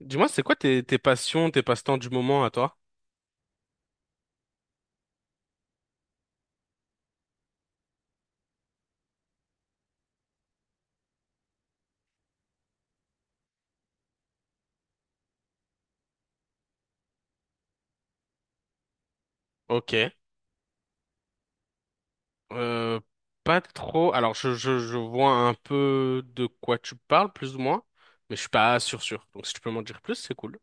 Dis-moi, c'est quoi tes passions, tes passe-temps du moment à toi? Ok. Euh, pas trop. Alors, je vois un peu de quoi tu parles, plus ou moins, mais je suis pas sûr sûr. Donc, si tu peux m'en dire plus, c'est cool.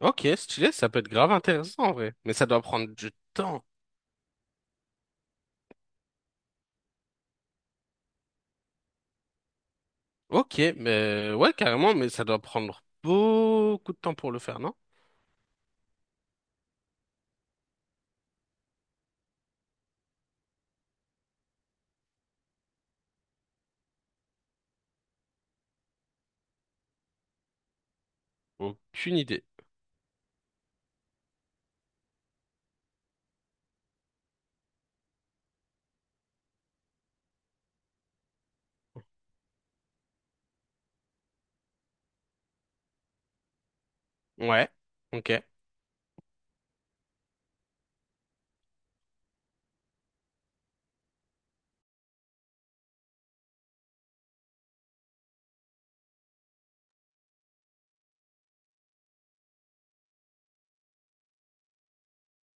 Ok, stylé, ça peut être grave intéressant en vrai, mais ça doit prendre du temps. Ok, mais ouais, carrément, mais ça doit prendre beaucoup de temps pour le faire, non? Aucune idée. Ouais, ok,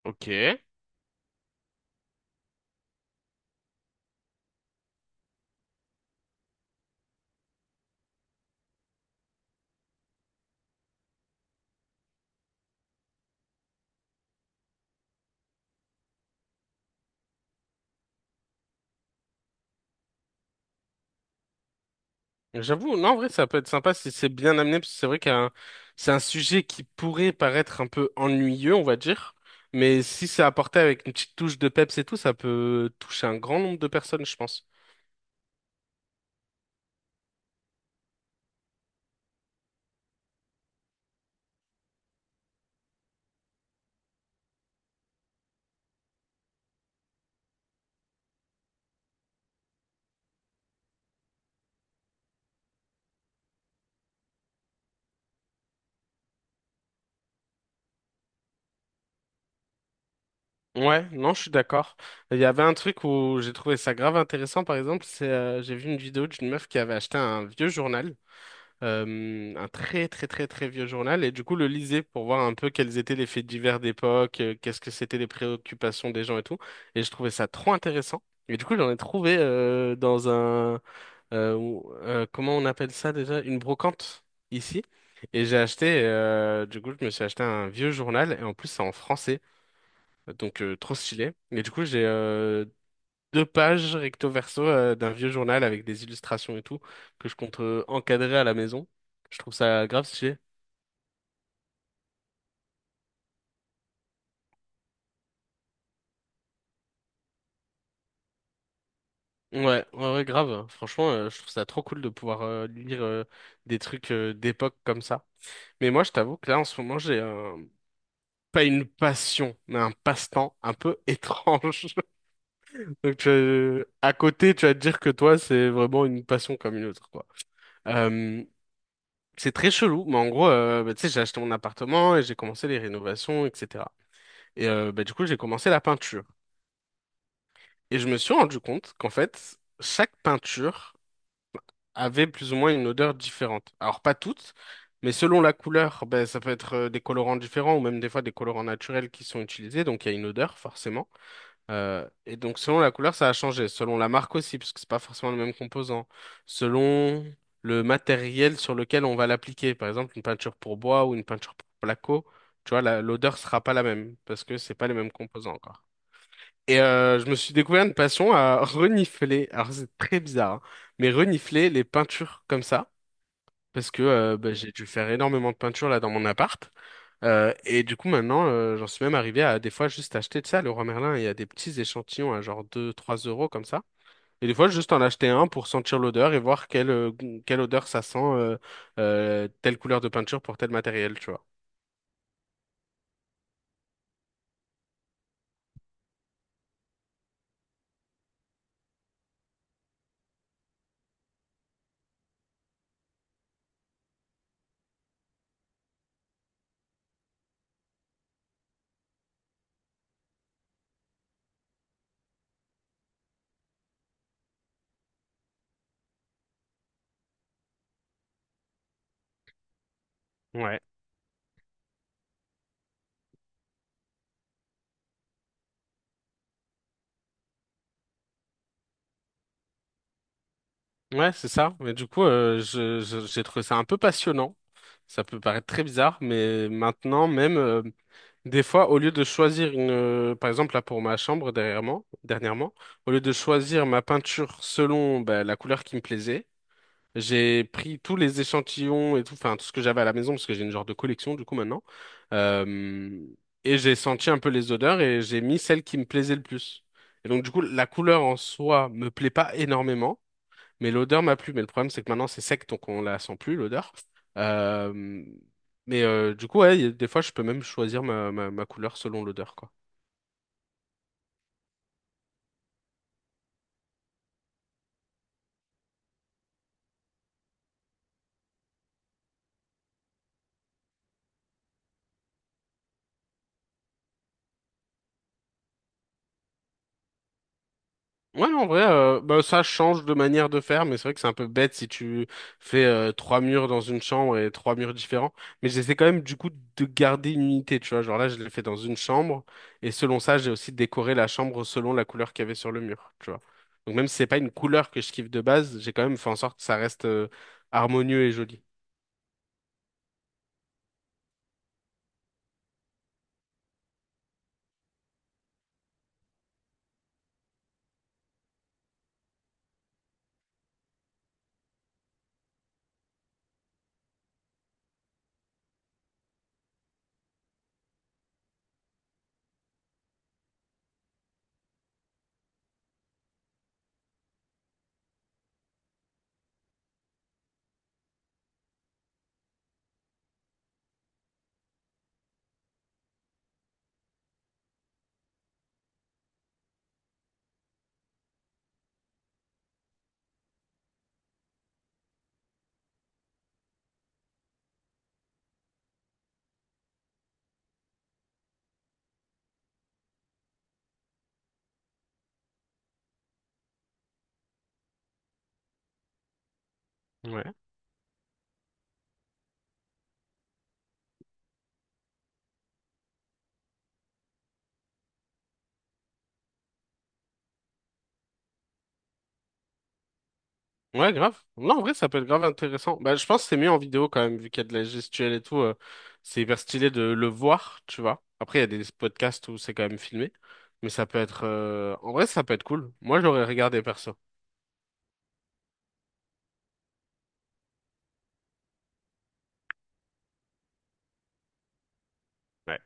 ok. J'avoue, non, en vrai, ça peut être sympa si c'est bien amené, parce que c'est vrai qu'un c'est un sujet qui pourrait paraître un peu ennuyeux, on va dire, mais si c'est apporté avec une petite touche de peps et tout, ça peut toucher un grand nombre de personnes, je pense. Ouais, non, je suis d'accord. Il y avait un truc où j'ai trouvé ça grave intéressant, par exemple, c'est j'ai vu une vidéo d'une meuf qui avait acheté un vieux journal un très très très très vieux journal et du coup le lisais pour voir un peu quels étaient les faits divers d'époque, qu'est-ce que c'était les préoccupations des gens et tout. Et je trouvais ça trop intéressant. Et du coup j'en ai trouvé dans un comment on appelle ça déjà? Une brocante ici. Et j'ai acheté du coup je me suis acheté un vieux journal et en plus c'est en français donc trop stylé. Et du coup j'ai deux pages recto verso d'un vieux journal avec des illustrations et tout, que je compte encadrer à la maison. Je trouve ça grave stylé. Ouais, ouais, ouais, grave. Franchement, je trouve ça trop cool de pouvoir lire des trucs d'époque comme ça. Mais moi, je t'avoue que là, en ce moment, j'ai un... pas une passion, mais un passe-temps un peu étrange. Donc, tu vas- à côté, tu vas te dire que toi, c'est vraiment une passion comme une autre, quoi. Euh, c'est très chelou, mais en gros, bah, tu sais, j'ai acheté mon appartement et j'ai commencé les rénovations, etc. Et bah, du coup, j'ai commencé la peinture. Et je me suis rendu compte qu'en fait, chaque peinture avait plus ou moins une odeur différente. Alors, pas toutes, mais selon la couleur, ben ça peut être des colorants différents ou même des fois des colorants naturels qui sont utilisés. Donc, il y a une odeur, forcément. Et donc, selon la couleur, ça a changé. Selon la marque aussi, parce que c'est pas forcément le même composant. Selon le matériel sur lequel on va l'appliquer. Par exemple, une peinture pour bois ou une peinture pour placo, tu vois, la- l'odeur sera pas la même parce que c'est pas les mêmes composants encore. Et je me suis découvert une passion à renifler, alors c'est très bizarre, hein, mais renifler les peintures comme ça, parce que bah, j'ai dû faire énormément de peintures là dans mon appart. Et du coup maintenant, j'en suis même arrivé à des fois juste acheter, tu sais, à Leroy Merlin, il y a des petits échantillons à genre deux, trois euros comme ça. Et des fois juste en acheter un pour sentir l'odeur et voir quelle odeur ça sent, telle couleur de peinture pour tel matériel, tu vois. Ouais. Ouais, c'est ça. Mais du coup, j'ai trouvé ça un peu passionnant. Ça peut paraître très bizarre, mais maintenant même, des fois, au lieu de choisir par exemple là pour ma chambre derrière moi, dernièrement, au lieu de choisir ma peinture selon bah, la couleur qui me plaisait, j'ai pris tous les échantillons et tout, enfin tout ce que j'avais à la maison parce que j'ai une genre de collection du coup maintenant, Euh, et j'ai senti un peu les odeurs et j'ai mis celle qui me plaisait le plus. Et donc du coup, la couleur en soi me plaît pas énormément. Mais l'odeur m'a plu. Mais le problème, c'est que maintenant, c'est sec, donc on la sent plus, l'odeur. Euh, mais du coup, ouais, y a- des fois, je peux même choisir ma couleur selon l'odeur, quoi. Ouais, non, en vrai, bah, ça change de manière de faire, mais c'est vrai que c'est un peu bête si tu fais trois murs dans une chambre et trois murs différents. Mais j'essaie quand même, du coup, de garder une unité, tu vois. Genre là, je l'ai fait dans une chambre, et selon ça, j'ai aussi décoré la chambre selon la couleur qu'il y avait sur le mur, tu vois. Donc même si c'est pas une couleur que je kiffe de base, j'ai quand même fait en sorte que ça reste harmonieux et joli. Ouais. Ouais, grave. Non, en vrai, ça peut être grave intéressant. Bah, je pense que c'est mieux en vidéo quand même, vu qu'il y a de la gestuelle et tout. C'est hyper stylé de le voir, tu vois. Après, il y a des podcasts où c'est quand même filmé. Mais ça peut être... En vrai, ça peut être cool. Moi, j'aurais regardé perso. Ouais.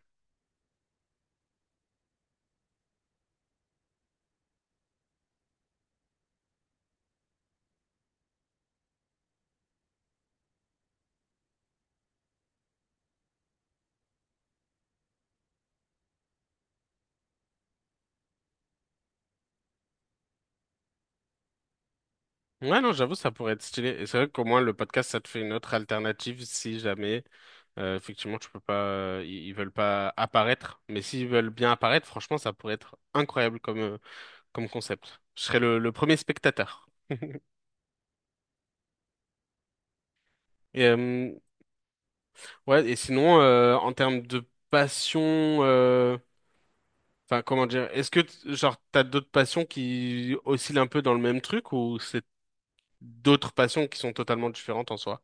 Ouais, non, j'avoue, ça pourrait être stylé. Et c'est vrai qu'au moins, le podcast, ça te fait une autre alternative si jamais... effectivement, tu peux pas... Ils veulent pas apparaître. Mais s'ils veulent bien apparaître, franchement, ça pourrait être incroyable comme, comme concept. Je serais le premier spectateur. Et, ouais, et sinon, en termes de passion, euh, enfin, comment dire, est-ce que genre, t'as d'autres passions qui oscillent un peu dans le même truc ou c'est d'autres passions qui sont totalement différentes en soi?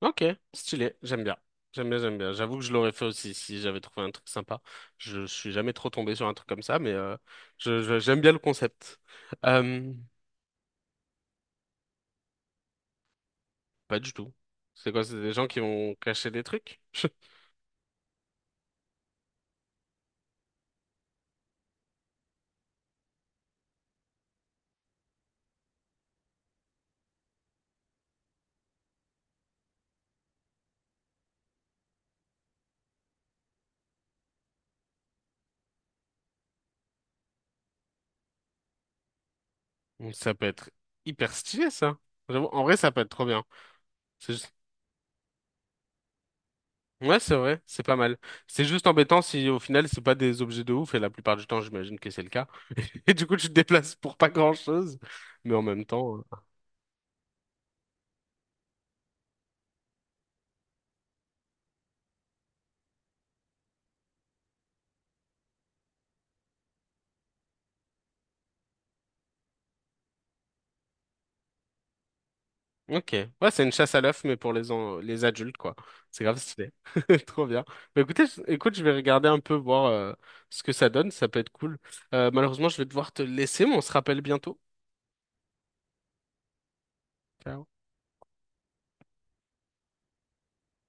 Ok, stylé, j'aime bien. J'aime bien, j'aime bien. J'avoue que je l'aurais fait aussi si j'avais trouvé un truc sympa. Je suis jamais trop tombé sur un truc comme ça, mais j'aime bien le concept. Euh, pas du tout. C'est quoi? C'est des gens qui vont cacher des trucs? Donc, ça peut être hyper stylé, ça. J'avoue, en vrai, ça peut être trop bien. C'est juste- Ouais, c'est vrai, c'est pas mal. C'est juste embêtant si au final, c'est pas des objets de ouf, et la plupart du temps, j'imagine que c'est le cas. Et du coup, tu te déplaces pour pas grand-chose. Mais en même temps. Ok. Ouais, c'est une chasse à l'œuf, mais pour les adultes, quoi. C'est grave stylé. Trop bien. Bah, écoute, je vais regarder un peu, voir ce que ça donne. Ça peut être cool. Malheureusement, je vais devoir te laisser, mais on se rappelle bientôt. Ciao.